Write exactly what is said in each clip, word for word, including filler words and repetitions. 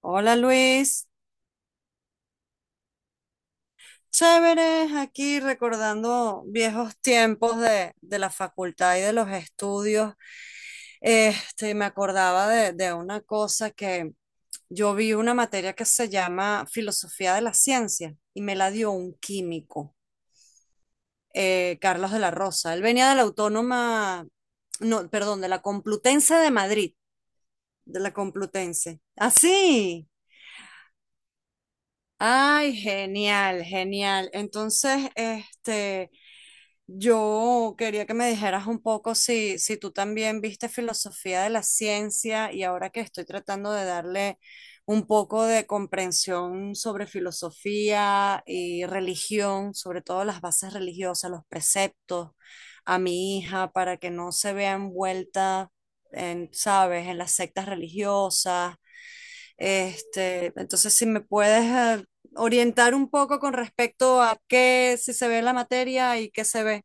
Hola Luis, chévere, aquí recordando viejos tiempos de, de la facultad y de los estudios. Este, me acordaba de, de una cosa que yo vi una materia que se llama Filosofía de la Ciencia y me la dio un químico, eh, Carlos de la Rosa. Él venía de la Autónoma, no, perdón, de la Complutense de Madrid, de la Complutense. Así. Ay, genial, genial. Entonces, este... yo quería que me dijeras un poco si, si tú también viste filosofía de la ciencia, y ahora que estoy tratando de darle un poco de comprensión sobre filosofía y religión, sobre todo las bases religiosas, los preceptos a mi hija para que no se vea envuelta en, sabes, en las sectas religiosas. Este, entonces, si me puedes eh, orientar un poco con respecto a qué, si se ve en la materia y qué se ve.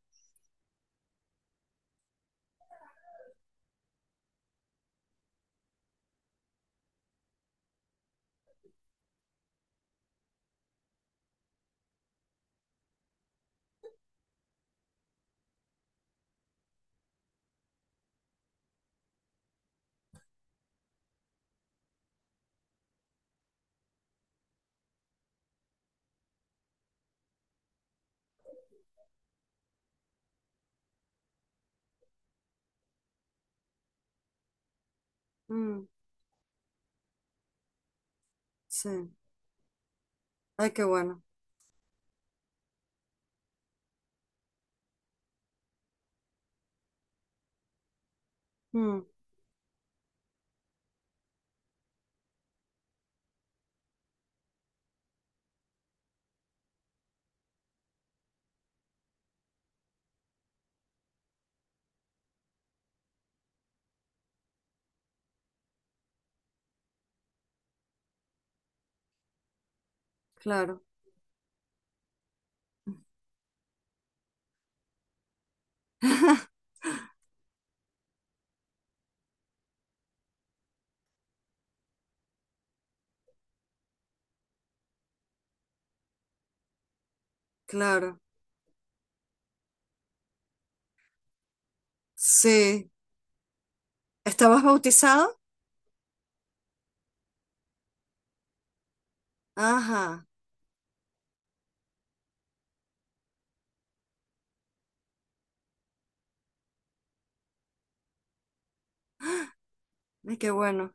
Mm, sí. Ay, qué bueno. Mm, claro, claro. Sí. ¿Estabas bautizado? Ajá. Ay, qué bueno.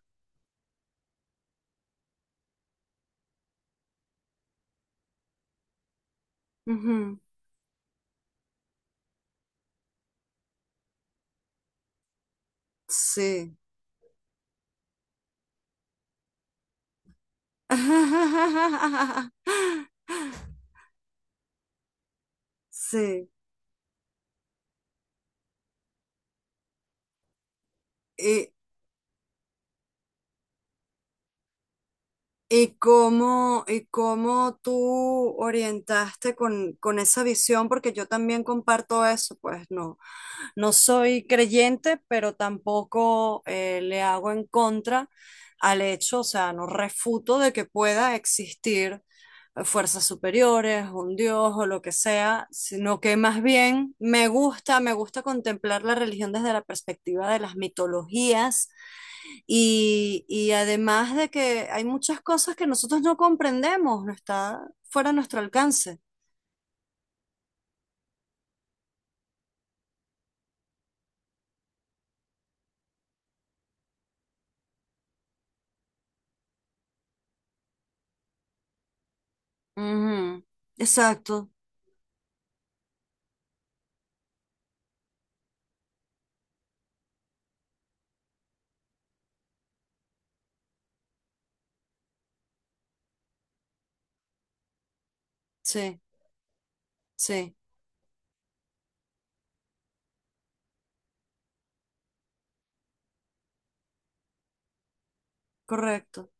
Ujú. Sí. Sí. ¿Y, y cómo, y cómo tú orientaste con, con esa visión? Porque yo también comparto eso, pues no. No soy creyente, pero tampoco eh, le hago en contra al hecho, o sea, no refuto de que pueda existir eh, fuerzas superiores, un dios o lo que sea, sino que más bien me gusta, me gusta contemplar la religión desde la perspectiva de las mitologías y, y además de que hay muchas cosas que nosotros no comprendemos, no está fuera de nuestro alcance. Ujú. Exacto, sí, sí, correcto,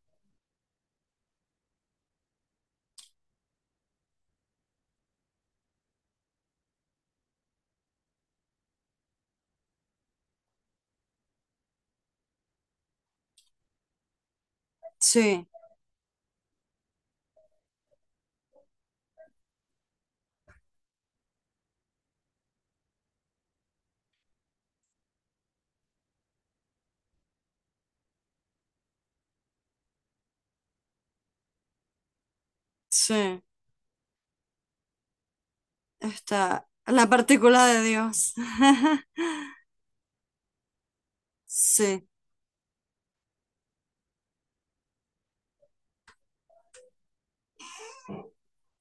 sí. Sí, está la partícula de Dios. Sí,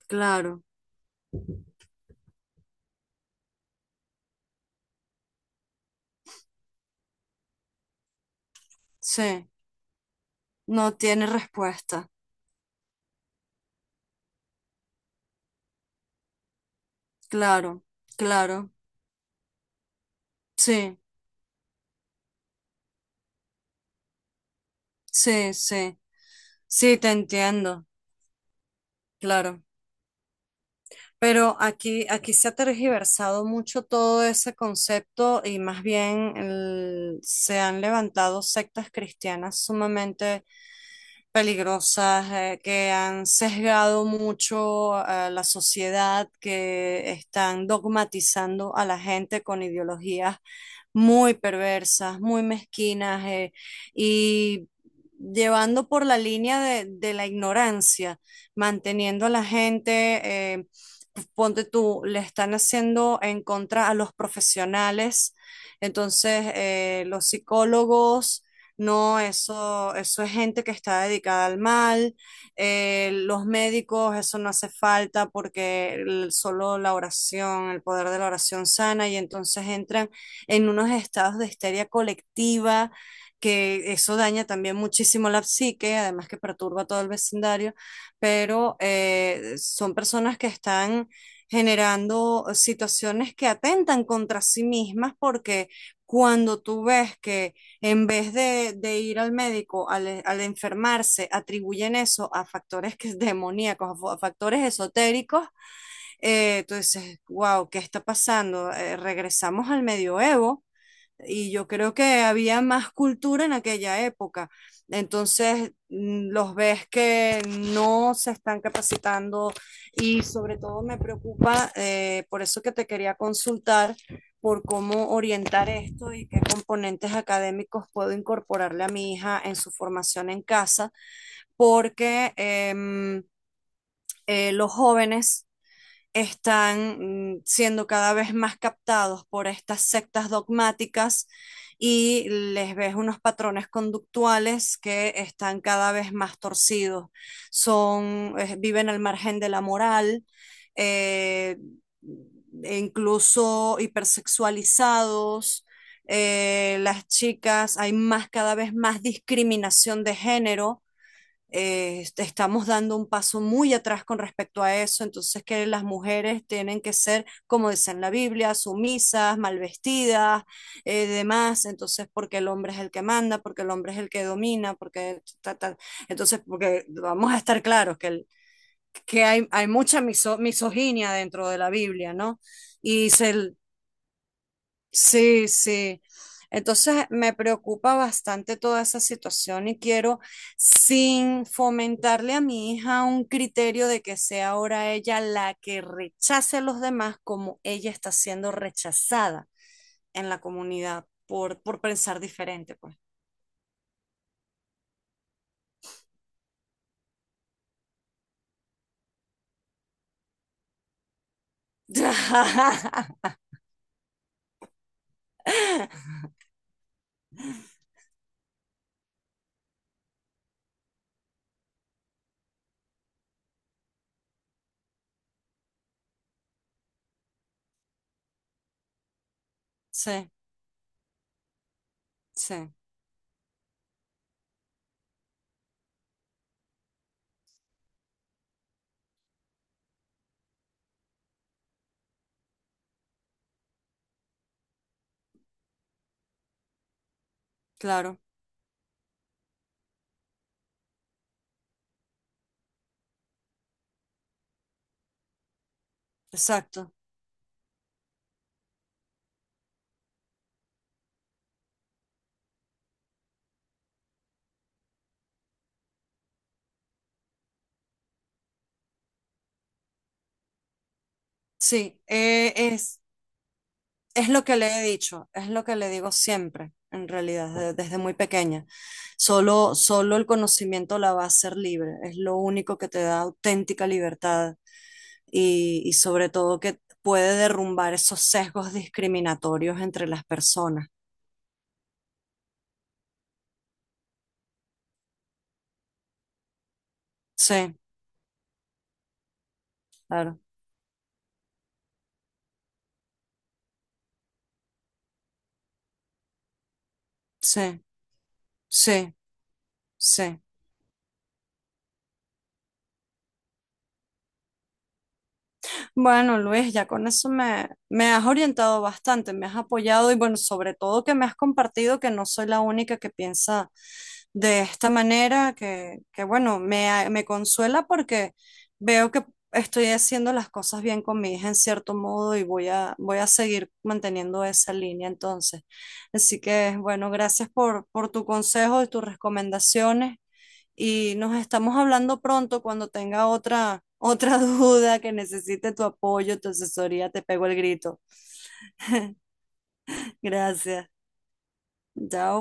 claro, sí, no tiene respuesta. Claro, claro, sí, sí, sí, sí, te entiendo, claro. Pero aquí, aquí se ha tergiversado mucho todo ese concepto, y más bien el- se han levantado sectas cristianas sumamente peligrosas, eh, que han sesgado mucho a la sociedad, que están dogmatizando a la gente con ideologías muy perversas, muy mezquinas, eh, y llevando por la línea de, de la ignorancia, manteniendo a la gente. Eh, ponte tú, le están haciendo en contra a los profesionales, entonces eh, los psicólogos, no, eso, eso es gente que está dedicada al mal, eh, los médicos, eso no hace falta porque el- solo la oración, el poder de la oración sana, y entonces entran en unos estados de histeria colectiva. Que eso daña también muchísimo la psique, además que perturba todo el vecindario, pero eh, son personas que están generando situaciones que atentan contra sí mismas, porque cuando tú ves que en vez de, de ir al médico al, eh, al enfermarse, atribuyen eso a factores que, demoníacos, a fa- a factores esotéricos, eh, tú dices, wow, ¿qué está pasando? Eh, regresamos al medioevo y yo creo que había más cultura en aquella época. Entonces, mm, los ves que no se están capacitando, y sobre todo me preocupa, eh, por eso que te quería consultar por cómo orientar esto y qué componentes académicos puedo incorporarle a mi hija en su formación en casa, porque em, eh, los jóvenes están mm, siendo cada vez más captados por estas sectas dogmáticas, y les ves unos patrones conductuales que están cada vez más torcidos. Son, eh, viven al margen de la moral, eh, e incluso hipersexualizados. Eh, las chicas, hay más, cada vez más discriminación de género, eh, est- estamos dando un paso muy atrás con respecto a eso, entonces que las mujeres tienen que ser, como dice en la Biblia, sumisas, mal vestidas, eh, demás, entonces porque el hombre es el que manda, porque el hombre es el que domina, porque ta, ta. Entonces, porque vamos a estar claros que, el- que hay, hay mucha miso- misoginia dentro de la Biblia, ¿no? Y se, sí, sí. Entonces me preocupa bastante toda esa situación y quiero, sin fomentarle a mi hija un criterio de que sea ahora ella la que rechace a los demás como ella está siendo rechazada en la comunidad por, por pensar diferente, pues. Sí, sí, claro, exacto. Sí, eh, es. Es lo que le he dicho, es lo que le digo siempre, en realidad, de- desde muy pequeña. Solo, solo el conocimiento la va a hacer libre, es lo único que te da auténtica libertad y, y sobre todo que puede derrumbar esos sesgos discriminatorios entre las personas. Sí, claro, sí, sí, sí. Bueno, Luis, ya con eso me, me has orientado bastante, me has apoyado, y bueno, sobre todo que me has compartido que no soy la única que piensa de esta manera, que, que bueno, me, a- me consuela porque veo que estoy haciendo las cosas bien con mi hija en cierto modo, y voy a, voy a seguir manteniendo esa línea entonces. Así que bueno, gracias por, por tu consejo y tus recomendaciones, y nos estamos hablando pronto cuando tenga otra, otra duda que necesite tu apoyo, tu asesoría, te pego el grito. Gracias. Chao.